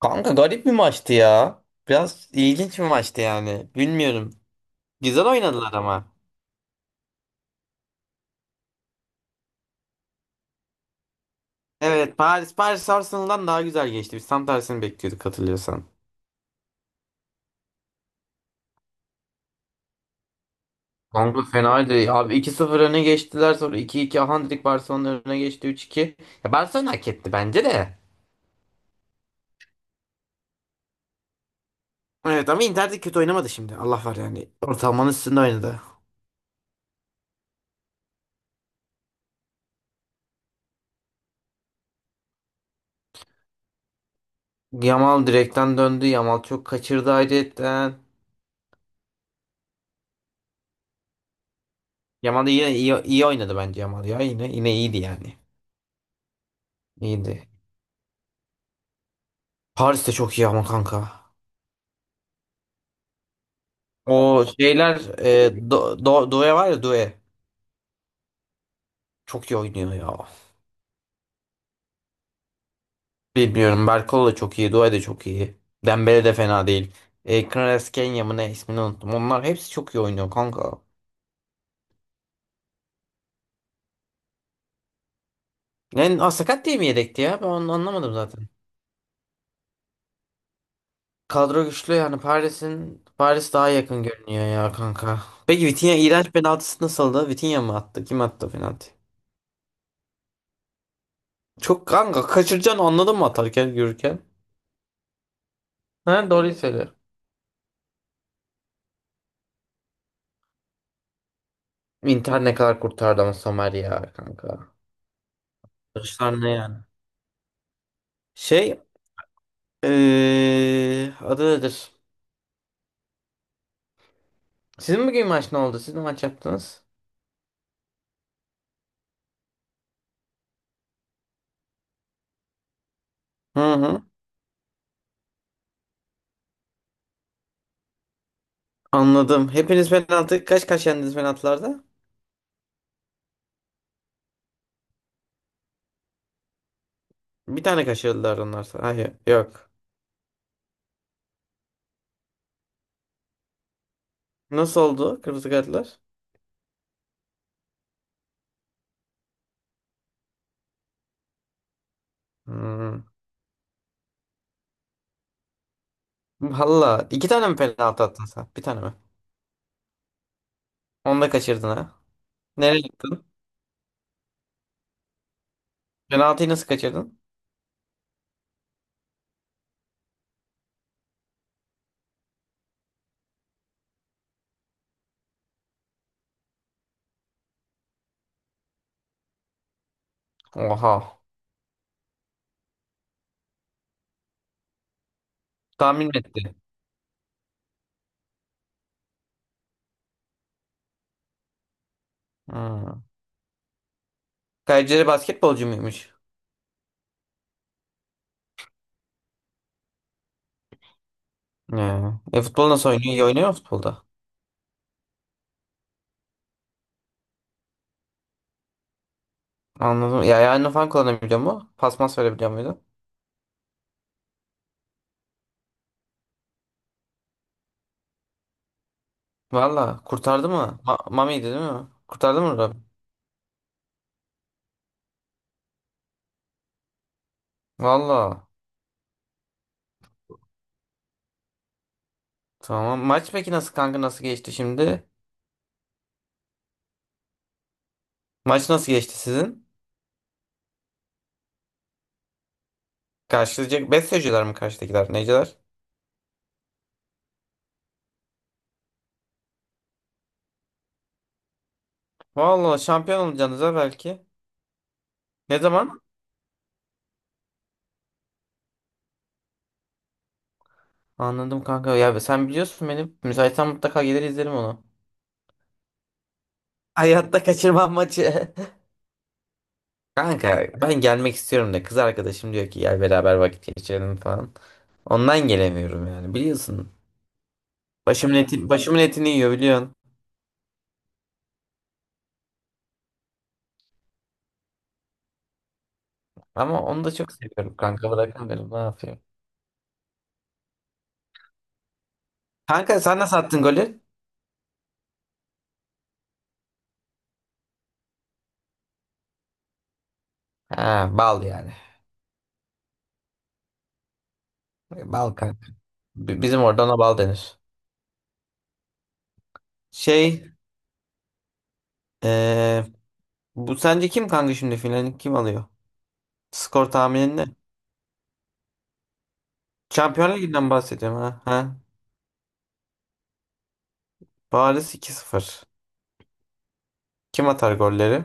Kanka garip bir maçtı ya. Biraz ilginç bir maçtı yani. Bilmiyorum. Güzel oynadılar ama. Evet, Paris Arsenal'dan daha güzel geçti. Biz tam tersini bekliyorduk, hatırlıyorsan. Kanka fenaydı. Abi iki sıfır öne geçtiler, sonra iki iki 2 Handrik Barcelona öne geçti üç iki. Ya Barcelona hak etti bence de. Evet, ama Inter de kötü oynamadı şimdi. Allah var yani. Ortalamanın üstünde oynadı. Yamal direkten döndü. Yamal çok kaçırdı ayrıyetten. Yamal da yine iyi oynadı bence Yamal ya. Yine iyiydi yani. İyiydi. Paris de çok iyi ama kanka. O şeyler Doué var ya Doué. Çok iyi oynuyor ya. Bilmiyorum. Berkol da çok iyi. Doué de çok iyi. Dembele de fena değil. Kvaratskhelia Kenya mı ne, ismini unuttum. Onlar hepsi çok iyi oynuyor kanka. Yani sakat diye mi yedekti ya? Ben onu anlamadım zaten. Kadro güçlü yani, Paris daha yakın görünüyor ya kanka. Peki Vitinha iğrenç penaltısı nasıldı? Vitinha mı attı? Kim attı penaltıyı? Çok kanka kaçıracaksın, anladın mı, atarken yürürken? Ha, doğruyu söyle. Inter ne kadar kurtardı ama Somer ya kanka. Kılıçlar ne yani? Şey, adı nedir? Sizin bugün maç ne oldu? Siz ne maç yaptınız? Hı hı. Anladım. Hepiniz penaltı kaç kaç yendiniz penaltılarda? Bir tane kaçırdılar onlar. Hayır, yok. Nasıl oldu kırmızı kartlar? Hmm. Valla iki tane mi penaltı attın sen? Bir tane mi? Onu da kaçırdın ha. Nereye gittin? Penaltıyı nasıl kaçırdın? Oha. Tahmin mi etti. Hmm. Kayseri basketbolcu muymuş? Ya. E futbol nasıl oynuyor? İyi oynuyor mu futbolda? Anladım. Ya yani falan kullanabiliyor mu? Pas mas verebiliyor muydu? Valla kurtardı mı? Mami'ydi değil mi? Kurtardı mı Rabbi? Valla. Tamam. Maç peki nasıl kanka, nasıl geçti şimdi? Maç nasıl geçti sizin? Karşılayacak besteciler mi karşıdakiler? Neciler? Valla şampiyon olacaksınız ha belki. Ne zaman? Anladım kanka. Ya sen biliyorsun benim. Müsaitsen mutlaka gelir izlerim onu. Hayatta kaçırmam maçı. Kanka ben gelmek istiyorum da kız arkadaşım diyor ki gel beraber vakit geçirelim falan. Ondan gelemiyorum yani, biliyorsun. Başımın eti, başımın etini yiyor, biliyorsun. Ama onu da çok seviyorum kanka, bırakamıyorum, ne yapayım. Kanka sen nasıl attın golü? Ha, bal yani. Bal kanka. Bizim orada ona bal denir. Şey, eee, bu sence kim kanka, şimdi finalini kim alıyor? Skor tahminin ne? Şampiyonlar Ligi'nden bahsediyorum, ha. Ha. Paris iki sıfır. Kim atar golleri?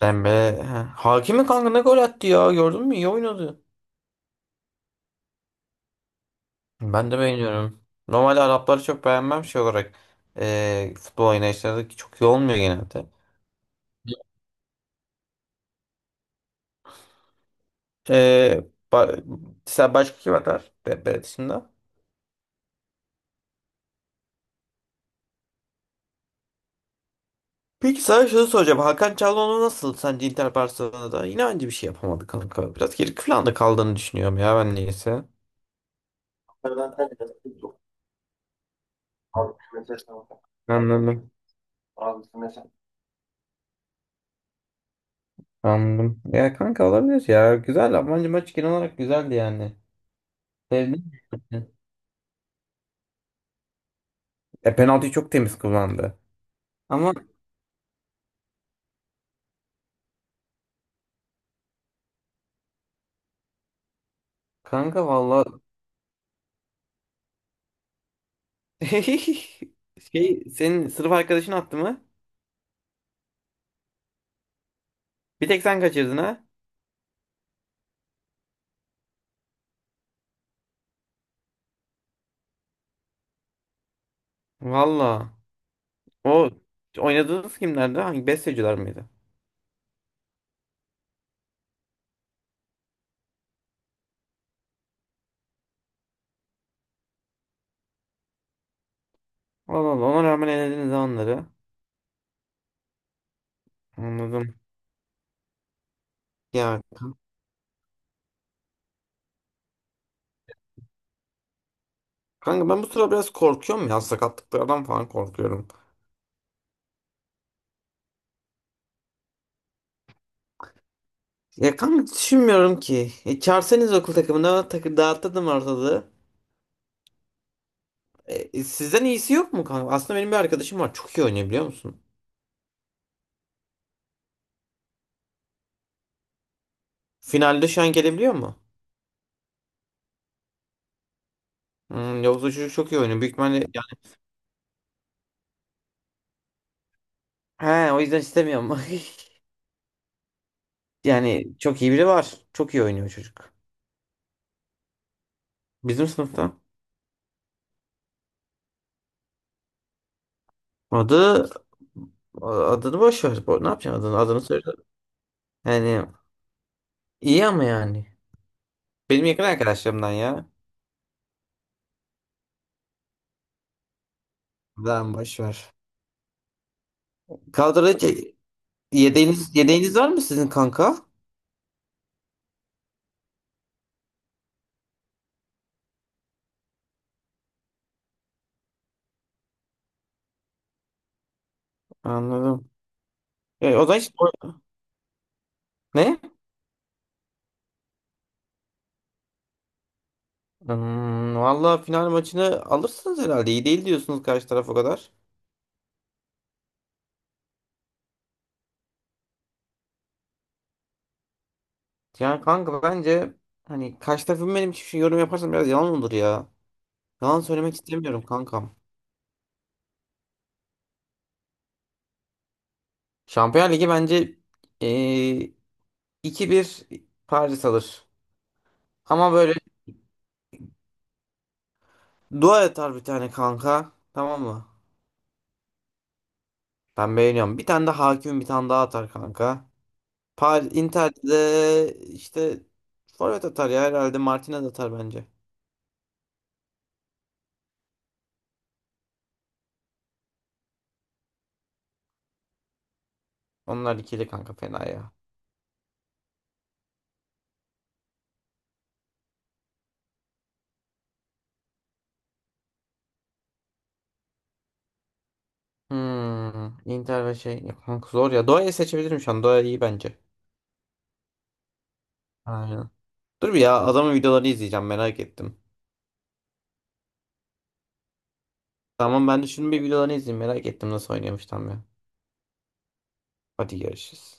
Dembe. Ha. Hakimi kanka ne gol attı ya. Gördün mü? İyi oynadı. Ben de beğeniyorum. Normalde Arapları çok beğenmem şey olarak. Futbol oynayışları çok iyi olmuyor genelde. Ee, ba- sen başka kim atar? Dembe dışında. Peki sana şunu soracağım. Hakan Çalhanoğlu nasıl sence Inter Barcelona'da? Yine aynı bir şey yapamadı kanka. Biraz geri planda kaldığını düşünüyorum ya ben, neyse. Anladım. Anladım. Ya kanka, olabilir ya. Güzel. Bence maç genel olarak güzeldi yani. Sevdim. E penaltıyı çok temiz kullandı. Ama kanka valla şey, senin sınıf arkadaşın attı mı? Bir tek sen kaçırdın ha? Valla. O oynadığınız kimlerdi? Hangi besteciler miydi? Allah Allah, ona rağmen elediniz ha onları. Anladım. Ya kanka ben bu sıra biraz korkuyorum ya, sakatlıklardan falan korkuyorum. Ya kanka düşünmüyorum ki. Çağırsanız okul takımına, takı dağıtırdım ortalığı. Sizden iyisi yok mu kanka? Aslında benim bir arkadaşım var. Çok iyi oynuyor, biliyor musun? Finalde şu an gelebiliyor mu? Hmm, yoksa çocuk çok iyi oynuyor. Büyük ihtimalle yani. He, o yüzden istemiyorum. Yani çok iyi biri var. Çok iyi oynuyor çocuk. Bizim sınıfta. Adı adını boş ver. Ne yapacaksın adını? Adını söyle. Yani iyi ama yani. Benim yakın arkadaşlarımdan ya. Lan boş ver. Kadroda hiç- yedeğiniz var mı sizin kanka? Anladım. O zaman hiç... Ne? Hmm, valla final maçını alırsınız herhalde. İyi değil diyorsunuz karşı taraf o kadar. Yani kanka bence, hani karşı tarafın benim için şey yorum yaparsam biraz yalan olur ya. Yalan söylemek istemiyorum kankam. Şampiyon Ligi bence eee 2-1 Paris alır. Ama böyle dua atar bir tane kanka. Tamam mı? Ben beğeniyorum. Bir tane de hakim, bir tane daha atar kanka. Paris, Inter'de işte forvet atar ya, herhalde Martinez atar bence. Onlar ikili kanka fena ya. Hmm, Inter ve şey ya kanka, zor ya. Doğa'yı seçebilirim şu an. Doğa iyi bence. Aynen. Dur bir ya, adamın videolarını izleyeceğim, merak ettim. Tamam, ben de şunun bir videolarını izleyeyim, merak ettim nasıl oynuyormuş tam ya. Hadi görüşürüz.